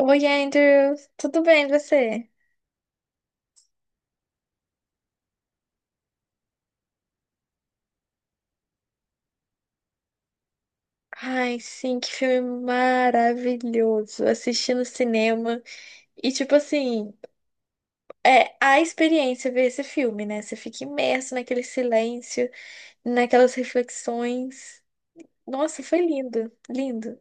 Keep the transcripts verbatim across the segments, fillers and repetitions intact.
Oi, Andrew, tudo bem você? Ai, sim, que filme maravilhoso! Assisti no cinema e, tipo assim, é a experiência ver esse filme, né? Você fica imerso naquele silêncio, naquelas reflexões. Nossa, foi lindo, lindo.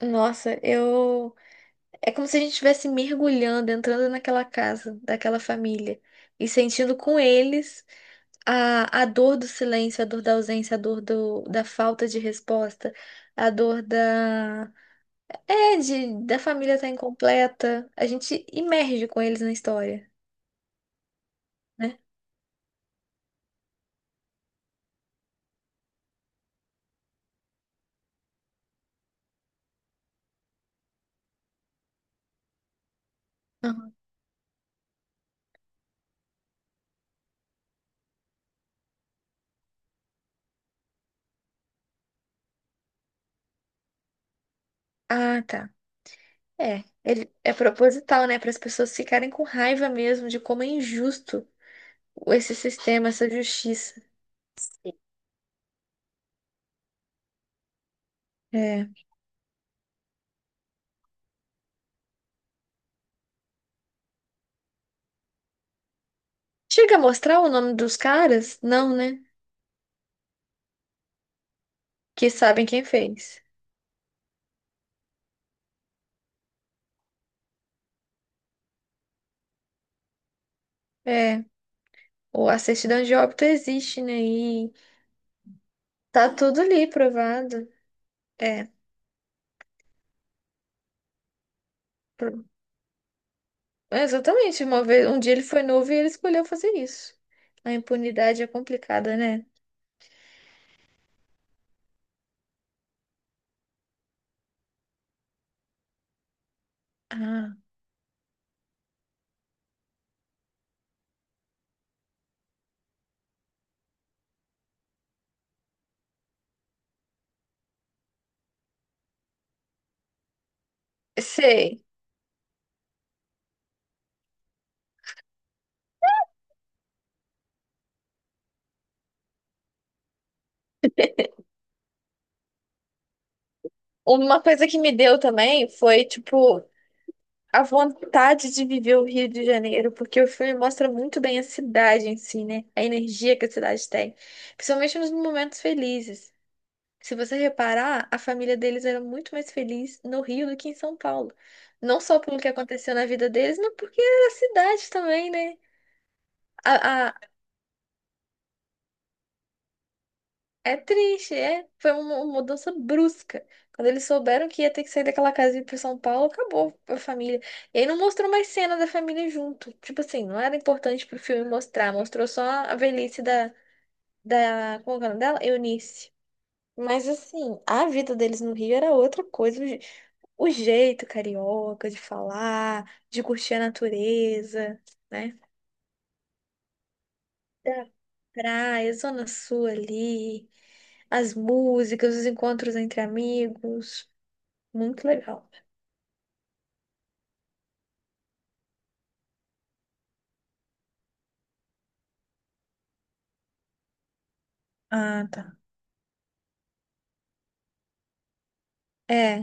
Nossa, eu. É como se a gente estivesse mergulhando, entrando naquela casa, daquela família e sentindo com eles. A, a dor do silêncio, a dor da ausência, a dor do, da falta de resposta, a dor da, é, de, da família estar incompleta. A gente imerge com eles na história, né? Aham. Ah, tá. É, ele, é proposital, né? Para as pessoas ficarem com raiva mesmo de como é injusto esse sistema, essa justiça. É. Chega a mostrar o nome dos caras? Não, né? Que sabem quem fez. É, o- a certidão de óbito existe, né? E tá tudo ali provado. É, por- é, exatamente. Uma vez, um dia ele foi novo e ele escolheu fazer isso. A impunidade é complicada, né? Ah, sei. Uma coisa que me deu também foi, tipo, a vontade de viver o Rio de Janeiro, porque o filme mostra muito bem a cidade em si, né? A energia que a cidade tem, principalmente nos momentos felizes. Se você reparar, a família deles era muito mais feliz no Rio do que em São Paulo. Não só pelo que aconteceu na vida deles, mas porque era a cidade também, né? A, é triste, é. Foi uma uma mudança brusca. Quando eles souberam que ia ter que sair daquela casa e ir pra São Paulo, acabou a família. E aí não mostrou mais cena da família junto. Tipo assim, não era importante pro filme mostrar. Mostrou só a velhice da, da, como é que é o nome dela? Eunice. Mas assim, a vida deles no Rio era outra coisa. O, je- o jeito carioca de falar, de curtir a natureza, né? Da praia, Zona Sul ali, as músicas, os encontros entre amigos. Muito legal. Ah, tá. É,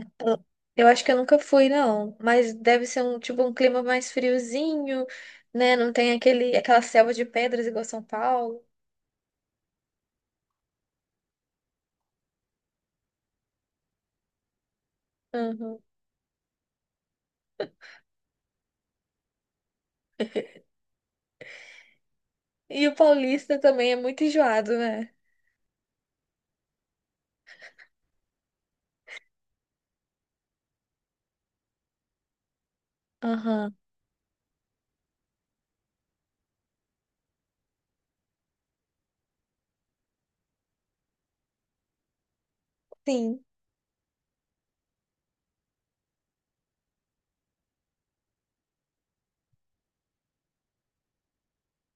eu acho que eu nunca fui, não. Mas deve ser um tipo um clima mais friozinho, né? Não tem aquele, aquela selva de pedras igual São Paulo. Uhum. E o paulista também é muito enjoado, né? Aham. Sim.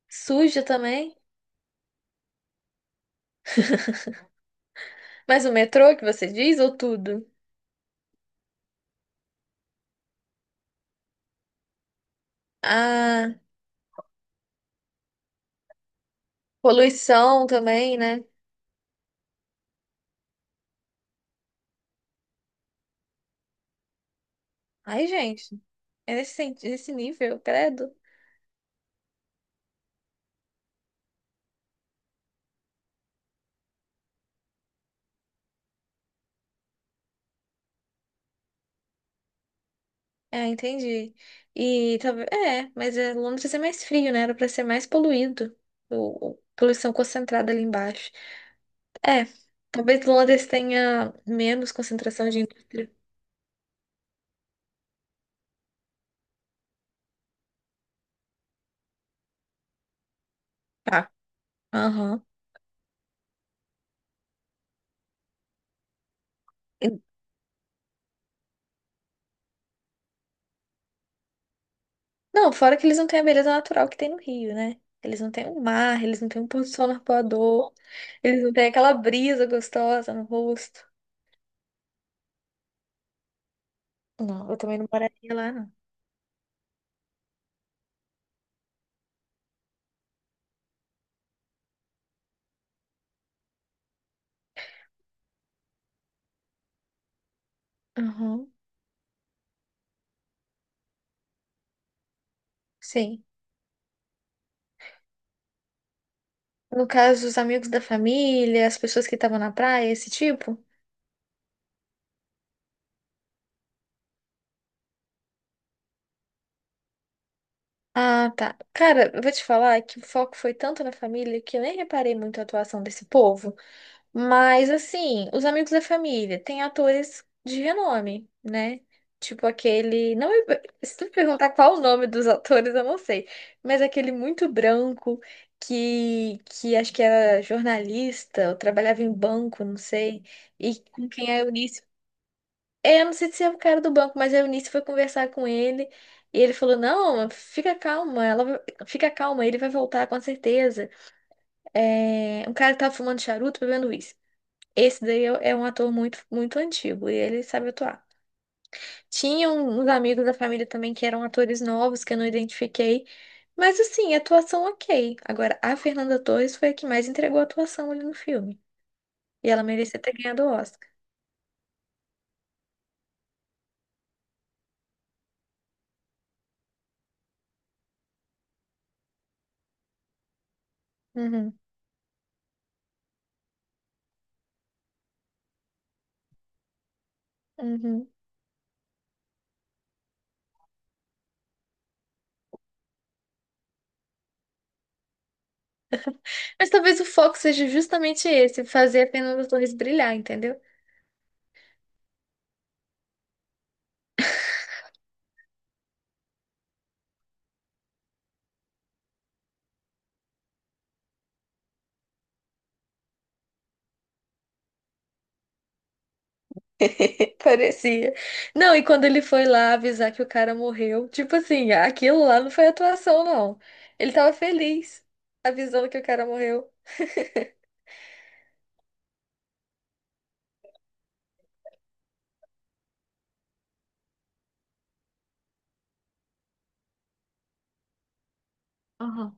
Suja também. Mas o metrô que você diz, ou tudo? Ah, poluição também, né? Ai, gente, é nesse, sen- nesse nível, credo. É, entendi. E talvez. É, mas é, Londres é mais frio, né? Era pra ser mais poluído. O, o- poluição concentrada ali embaixo. É, talvez Londres tenha menos concentração de indústria. Tá. Aham. E- não, fora que eles não têm a beleza natural que tem no Rio, né? Eles não têm o mar, eles não têm um pôr do sol arpoador, eles não têm aquela brisa gostosa no rosto. Não, eu também não moraria lá, não. Aham. Sim. No caso, os amigos da família, as pessoas que estavam na praia, esse tipo? Ah, tá. Cara, eu vou te falar que o foco foi tanto na família que eu nem reparei muito a atuação desse povo. Mas, assim, os amigos da família têm atores de renome, né? Tipo aquele. Não, me- se tu me perguntar qual o nome dos atores, eu não sei. Mas aquele muito branco que, que acho que era jornalista, ou trabalhava em banco, não sei. E com quem a Eunice é, eu não sei se é o cara do banco, mas a Eunice foi conversar com ele e ele falou: "Não, fica calma, ela vai- fica calma, ele vai voltar com certeza." É, um cara que tava fumando charuto bebendo uísque. Esse daí é é um ator muito, muito antigo e ele sabe atuar. Tinha um- uns amigos da família também que eram atores novos que eu não identifiquei, mas assim, atuação ok. Agora, a Fernanda Torres foi a que mais entregou a atuação ali no filme e ela merecia ter ganhado o Oscar. Uhum, uhum. Mas talvez o foco seja justamente esse, fazer a Fernanda Torres brilhar, entendeu? Parecia. Não, e quando ele foi lá avisar que o cara morreu, tipo assim, aquilo lá não foi atuação, não. Ele tava feliz avisando que o cara morreu. Aham,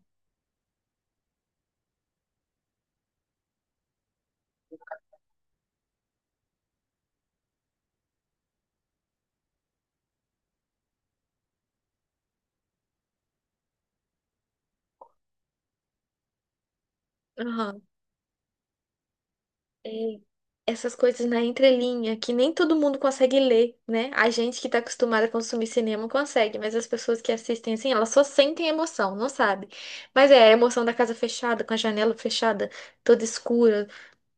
aham. E essas coisas na entrelinha, que nem todo mundo consegue ler, né? A gente que tá acostumada a consumir cinema consegue, mas as pessoas que assistem assim, elas só sentem emoção, não sabe? Mas é a emoção da casa fechada, com a janela fechada, toda escura.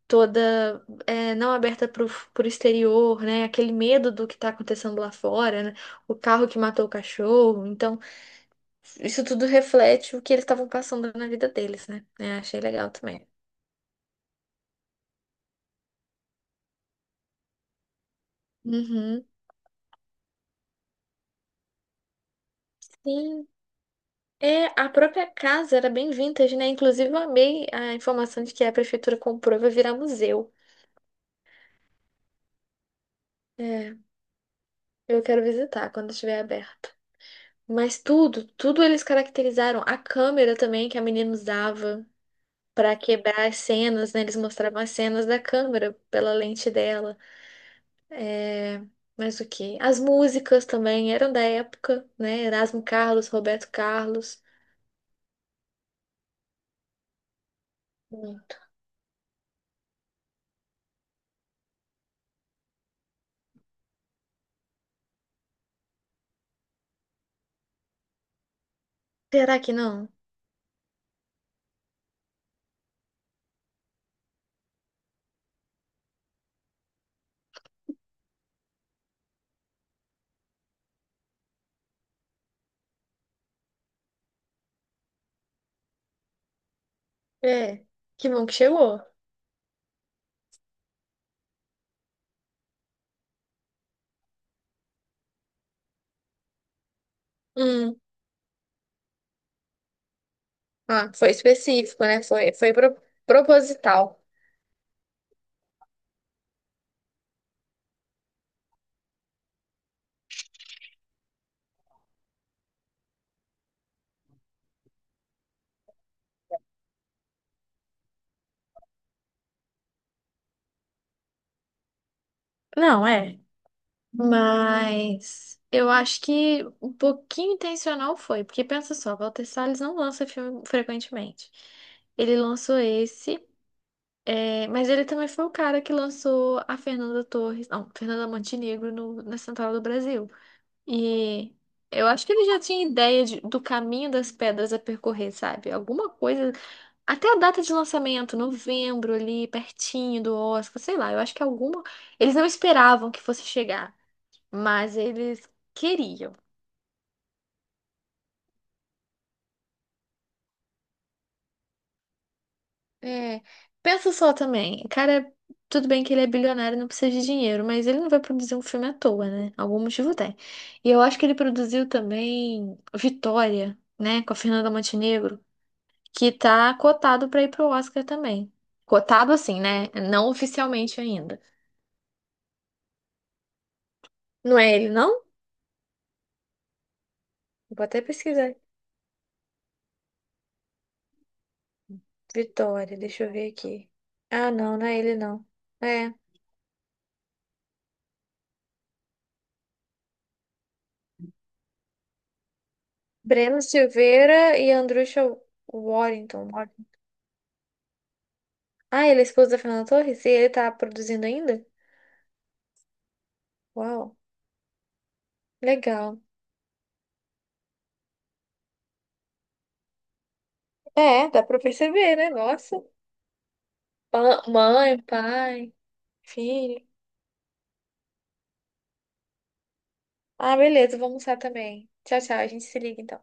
Toda é, não aberta para o exterior, né? Aquele medo do que está acontecendo lá fora, né? O carro que matou o cachorro. Então, isso tudo reflete o que eles estavam passando na vida deles, né? É, achei legal também. Uhum. Sim. É, a própria casa era bem vintage, né? Inclusive, eu amei a informação de que a prefeitura comprou e vai virar museu. É, eu quero visitar quando estiver aberto. Mas tudo, tudo eles caracterizaram. A câmera também que a menina usava. Para quebrar as cenas, né? Eles mostravam as cenas da câmera pela lente dela. É, mas o que? As músicas também eram da época, né? Erasmo Carlos, Roberto Carlos. Hum. Será que não? É, que bom que chegou. Hum. Ah, foi específico, né? Foi, foi pro- proposital. Não, é. Mas eu acho que um pouquinho intencional foi, porque pensa só, Walter Salles não lança filme frequentemente. Ele lançou esse. É, mas ele também foi o cara que lançou a Fernanda Torres, não, Fernanda Montenegro no- na Central do Brasil. E eu acho que ele já tinha ideia de- do caminho das pedras a percorrer, sabe? Alguma coisa. Até a data de lançamento, novembro, ali, pertinho do Oscar, sei lá. Eu acho que alguma. Eles não esperavam que fosse chegar, mas eles queriam. É, pensa só também, cara, tudo bem que ele é bilionário, e não precisa de dinheiro, mas ele não vai produzir um filme à toa, né? Algum motivo tem. E eu acho que ele produziu também Vitória, né, com a Fernanda Montenegro, que tá cotado pra ir pro Oscar também. Cotado assim, né? Não oficialmente ainda. Não é ele, não? Vou até pesquisar. Vitória, deixa eu ver aqui. Ah, não, não é ele, não. É. Breno Silveira e Andrusha Warrington. Ah, ele é esposo da Fernanda Torres? E ele tá produzindo ainda? Uau, legal. É, dá pra perceber, né? Nossa. Pa- mãe, pai, filho. Ah, beleza, vou almoçar também. Tchau, tchau. A gente se liga então.